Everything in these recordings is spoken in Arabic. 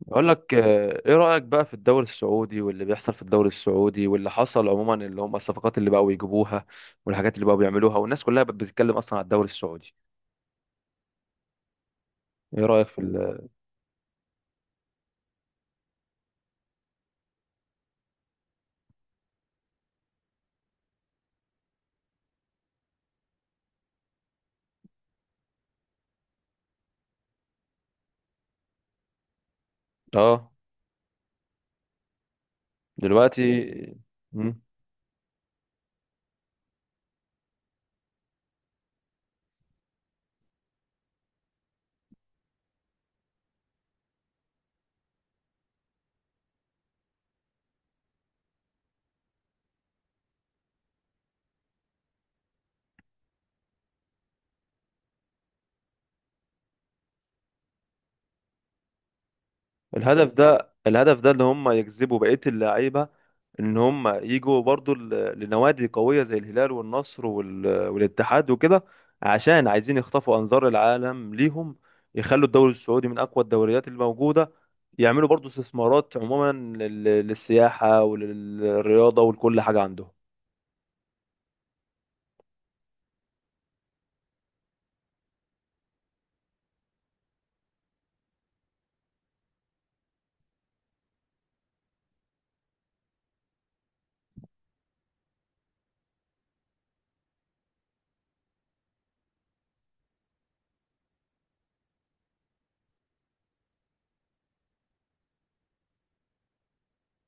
بقول لك ايه رأيك بقى في الدوري السعودي، واللي بيحصل في الدوري السعودي، واللي حصل عموما اللي هم الصفقات اللي بقوا يجيبوها، والحاجات اللي بقوا بيعملوها، والناس كلها بقت بتتكلم اصلا على الدوري السعودي. ايه رأيك اه. دلوقتي. مم. الهدف ده اللي هم يجذبوا بقية اللعيبة، ان هم يجوا برضو لنوادي قوية زي الهلال والنصر والاتحاد وكده، عشان عايزين يخطفوا انظار العالم ليهم، يخلوا الدوري السعودي من اقوى الدوريات الموجودة، يعملوا برضو استثمارات عموما للسياحة وللرياضة ولكل حاجة عندهم.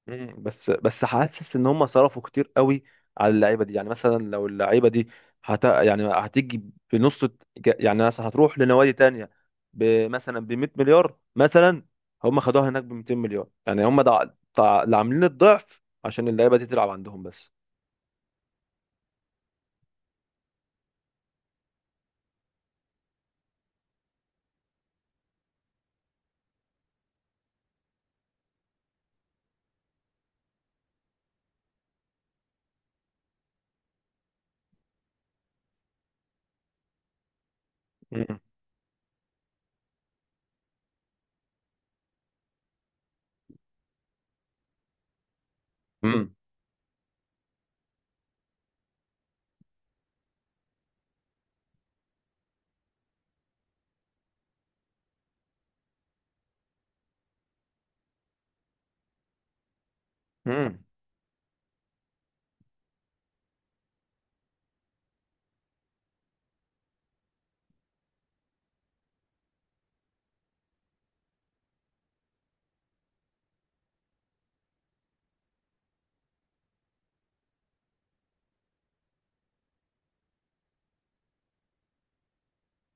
بس حاسس ان هم صرفوا كتير قوي على اللعيبه دي. يعني مثلا لو اللعيبه دي يعني هتيجي بنص، يعني مثلا هتروح لنوادي تانية مثلا ب 100 مليار مثلا، هم خدوها هناك ب 200 مليار. يعني هم ده اللي عاملين الضعف عشان اللعيبه دي تلعب عندهم بس. امم. امم.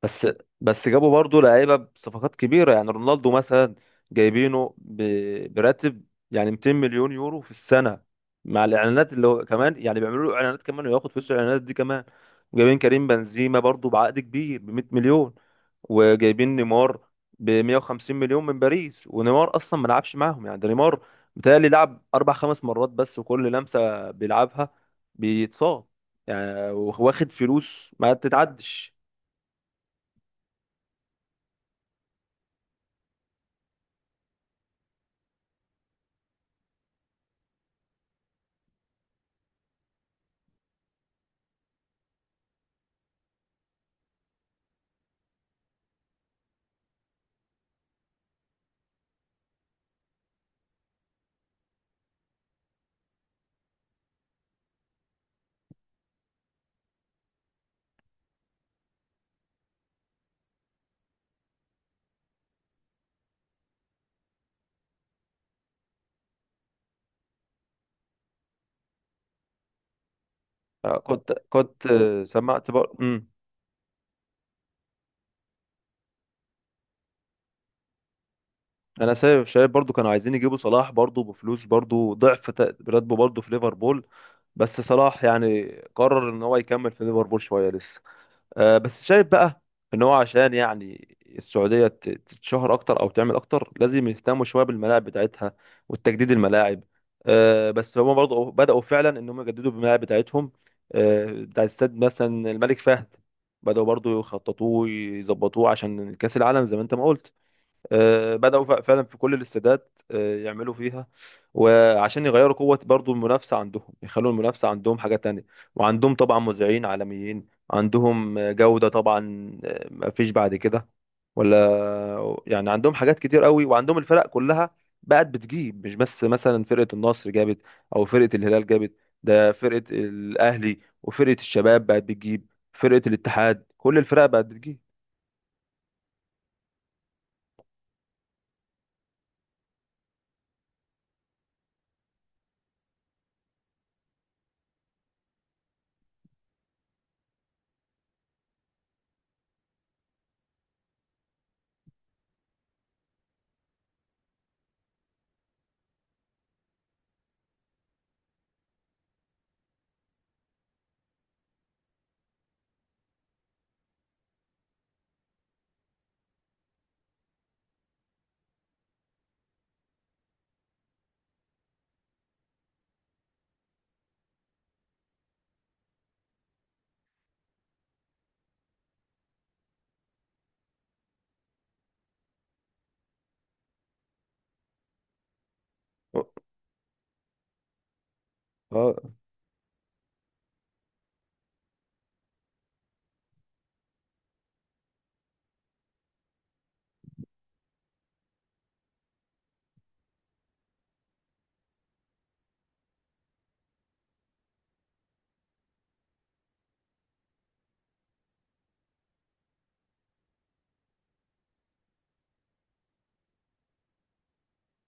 بس بس جابوا برضه لعيبه بصفقات كبيره، يعني رونالدو مثلا جايبينه براتب يعني 200 مليون يورو في السنه، مع الاعلانات اللي هو كمان يعني بيعملوا له اعلانات كمان وياخد فلوس الاعلانات دي كمان. جايبين كريم بنزيما برضه بعقد كبير ب 100 مليون، وجايبين نيمار ب 150 مليون من باريس. ونيمار اصلا ما لعبش معاهم، يعني ده نيمار بيتهيألي لعب اربع خمس مرات بس، وكل لمسه بيلعبها بيتصاب، يعني واخد فلوس ما تتعدش. كنت سمعت بر... مم. انا سبب شايف برضو كانوا عايزين يجيبوا صلاح برضو بفلوس، برضو ضعف راتبه برضو في ليفربول، بس صلاح يعني قرر ان هو يكمل في ليفربول شوية لسه. بس شايف بقى ان هو عشان يعني السعوديه تتشهر اكتر او تعمل اكتر، لازم يهتموا شويه بالملاعب بتاعتها والتجديد الملاعب. بس هما برضه بداوا فعلا ان هم يجددوا بالملاعب بتاعتهم. بتاع استاد مثلا الملك فهد، بداوا برضه يخططوه يظبطوه عشان كاس العالم زي ما انت ما قلت. بدأوا فعلا في كل الاستادات، يعملوا فيها، وعشان يغيروا قوة برضو المنافسة عندهم يخلوا المنافسة عندهم حاجة تانية. وعندهم طبعا مذيعين عالميين، عندهم جودة طبعا. مفيش بعد كده، ولا يعني عندهم حاجات كتير قوي، وعندهم الفرق كلها بقت بتجيب. مش بس مثلا فرقة النصر جابت أو فرقة الهلال جابت، ده فرقة الأهلي وفرقة الشباب بقت بتجيب، فرقة الاتحاد، كل الفرق بقت بتجيب. اه،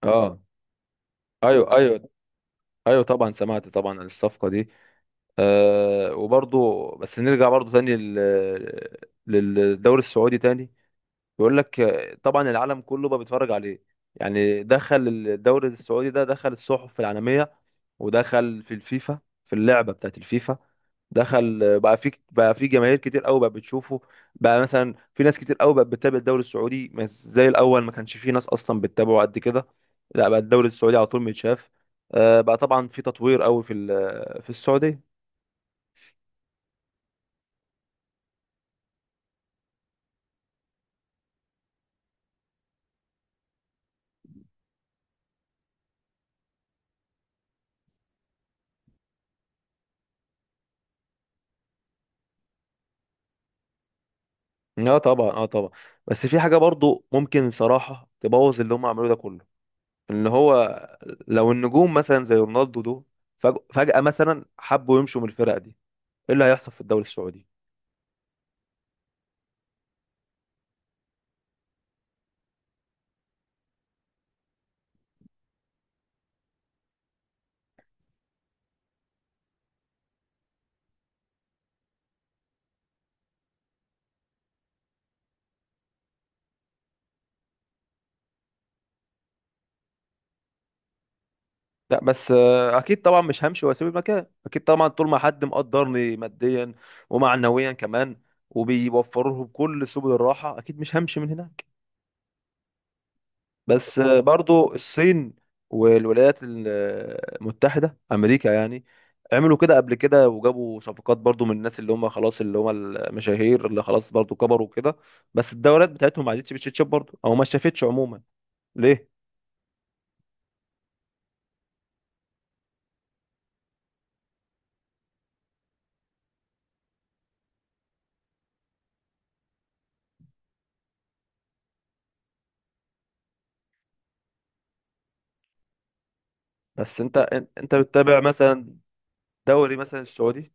اه، ايوه، ايوه، ايوه طبعا. سمعت طبعا عن الصفقه دي. أه، وبرضو بس نرجع برضو تاني للدوري السعودي تاني. بيقول لك طبعا العالم كله بقى بيتفرج عليه. يعني دخل الدوري السعودي ده، دخل الصحف العالميه، ودخل في الفيفا، في اللعبه بتاعت الفيفا، دخل بقى في جماهير كتير قوي بقى بتشوفه. بقى مثلا في ناس كتير قوي بقت بتتابع الدوري السعودي، مش زي الاول ما كانش في ناس اصلا بتتابعه قد كده. لا بقى الدوري السعودي على طول متشاف. بقى طبعا في تطوير قوي في في السعوديه. اه طبعا، اه طبعا. بس في حاجه برضو ممكن صراحه تبوظ اللي هم عملوه ده كله، ان هو لو النجوم مثلا زي رونالدو دول فجاه مثلا حبوا يمشوا من الفرق دي، ايه اللي هيحصل في الدوري السعودي؟ لا بس، اكيد طبعا مش همشي واسيب المكان، اكيد طبعا طول ما حد مقدرني ماديا ومعنويا كمان وبيوفروا لهم كل سبل الراحه، اكيد مش همشي من هناك. بس برضو الصين والولايات المتحده امريكا يعني عملوا كده قبل كده، وجابوا صفقات برضو من الناس اللي هم خلاص، اللي هم المشاهير اللي خلاص برضو كبروا كده، بس الدولات بتاعتهم ما عادتش بتشتشب برضو او ما شافتش عموما. ليه؟ بس انت بتتابع مثلا دوري مثلا السعودي؟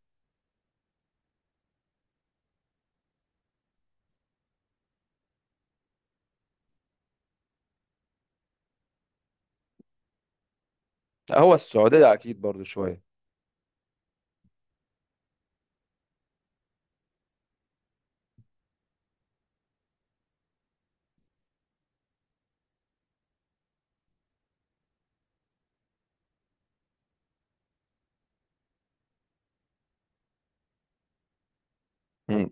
لا، هو السعودية أكيد برضو شوية. مم.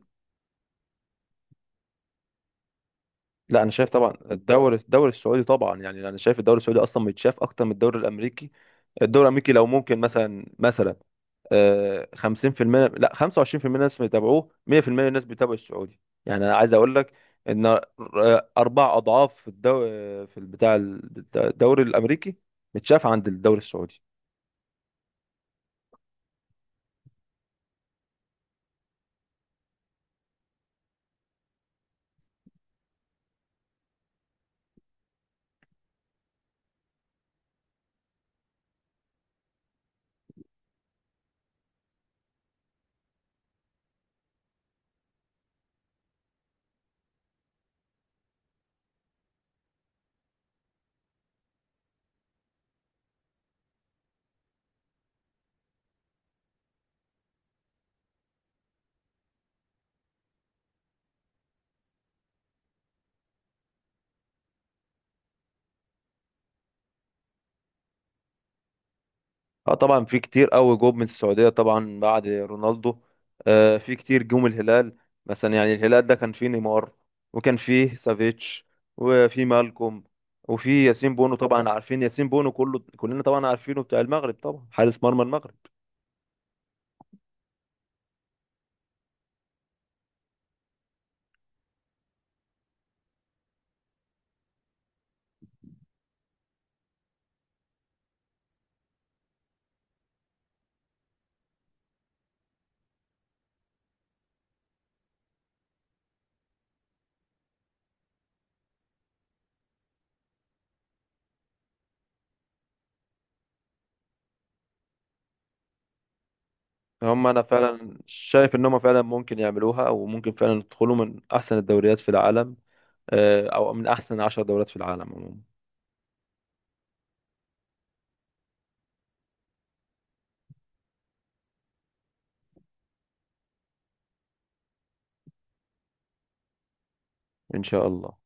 لا أنا شايف طبعا الدوري السعودي طبعا، يعني أنا شايف الدوري السعودي أصلا بيتشاف أكتر من الدوري الأمريكي. الدوري الأمريكي لو ممكن مثلا 50%، لا 25% الناس بيتابعوه. 100% الناس بيتابعوا السعودي. يعني أنا عايز أقول لك إن أربع أضعاف في الدوري، في البتاع، الدوري الأمريكي متشاف عند الدوري السعودي. اه طبعا في كتير قوي جوب من السعودية طبعا بعد رونالدو. في كتير جم الهلال، مثلا يعني الهلال ده كان فيه نيمار، وكان فيه سافيتش، وفي مالكوم، وفي ياسين بونو. طبعا عارفين ياسين بونو كله، كلنا طبعا عارفينه، بتاع المغرب، طبعا حارس مرمى المغرب. هم انا فعلا شايف ان هم فعلا ممكن يعملوها، وممكن فعلا يدخلوا من احسن الدوريات في العالم، او من احسن 10 دوريات في العالم عموما. ان شاء الله.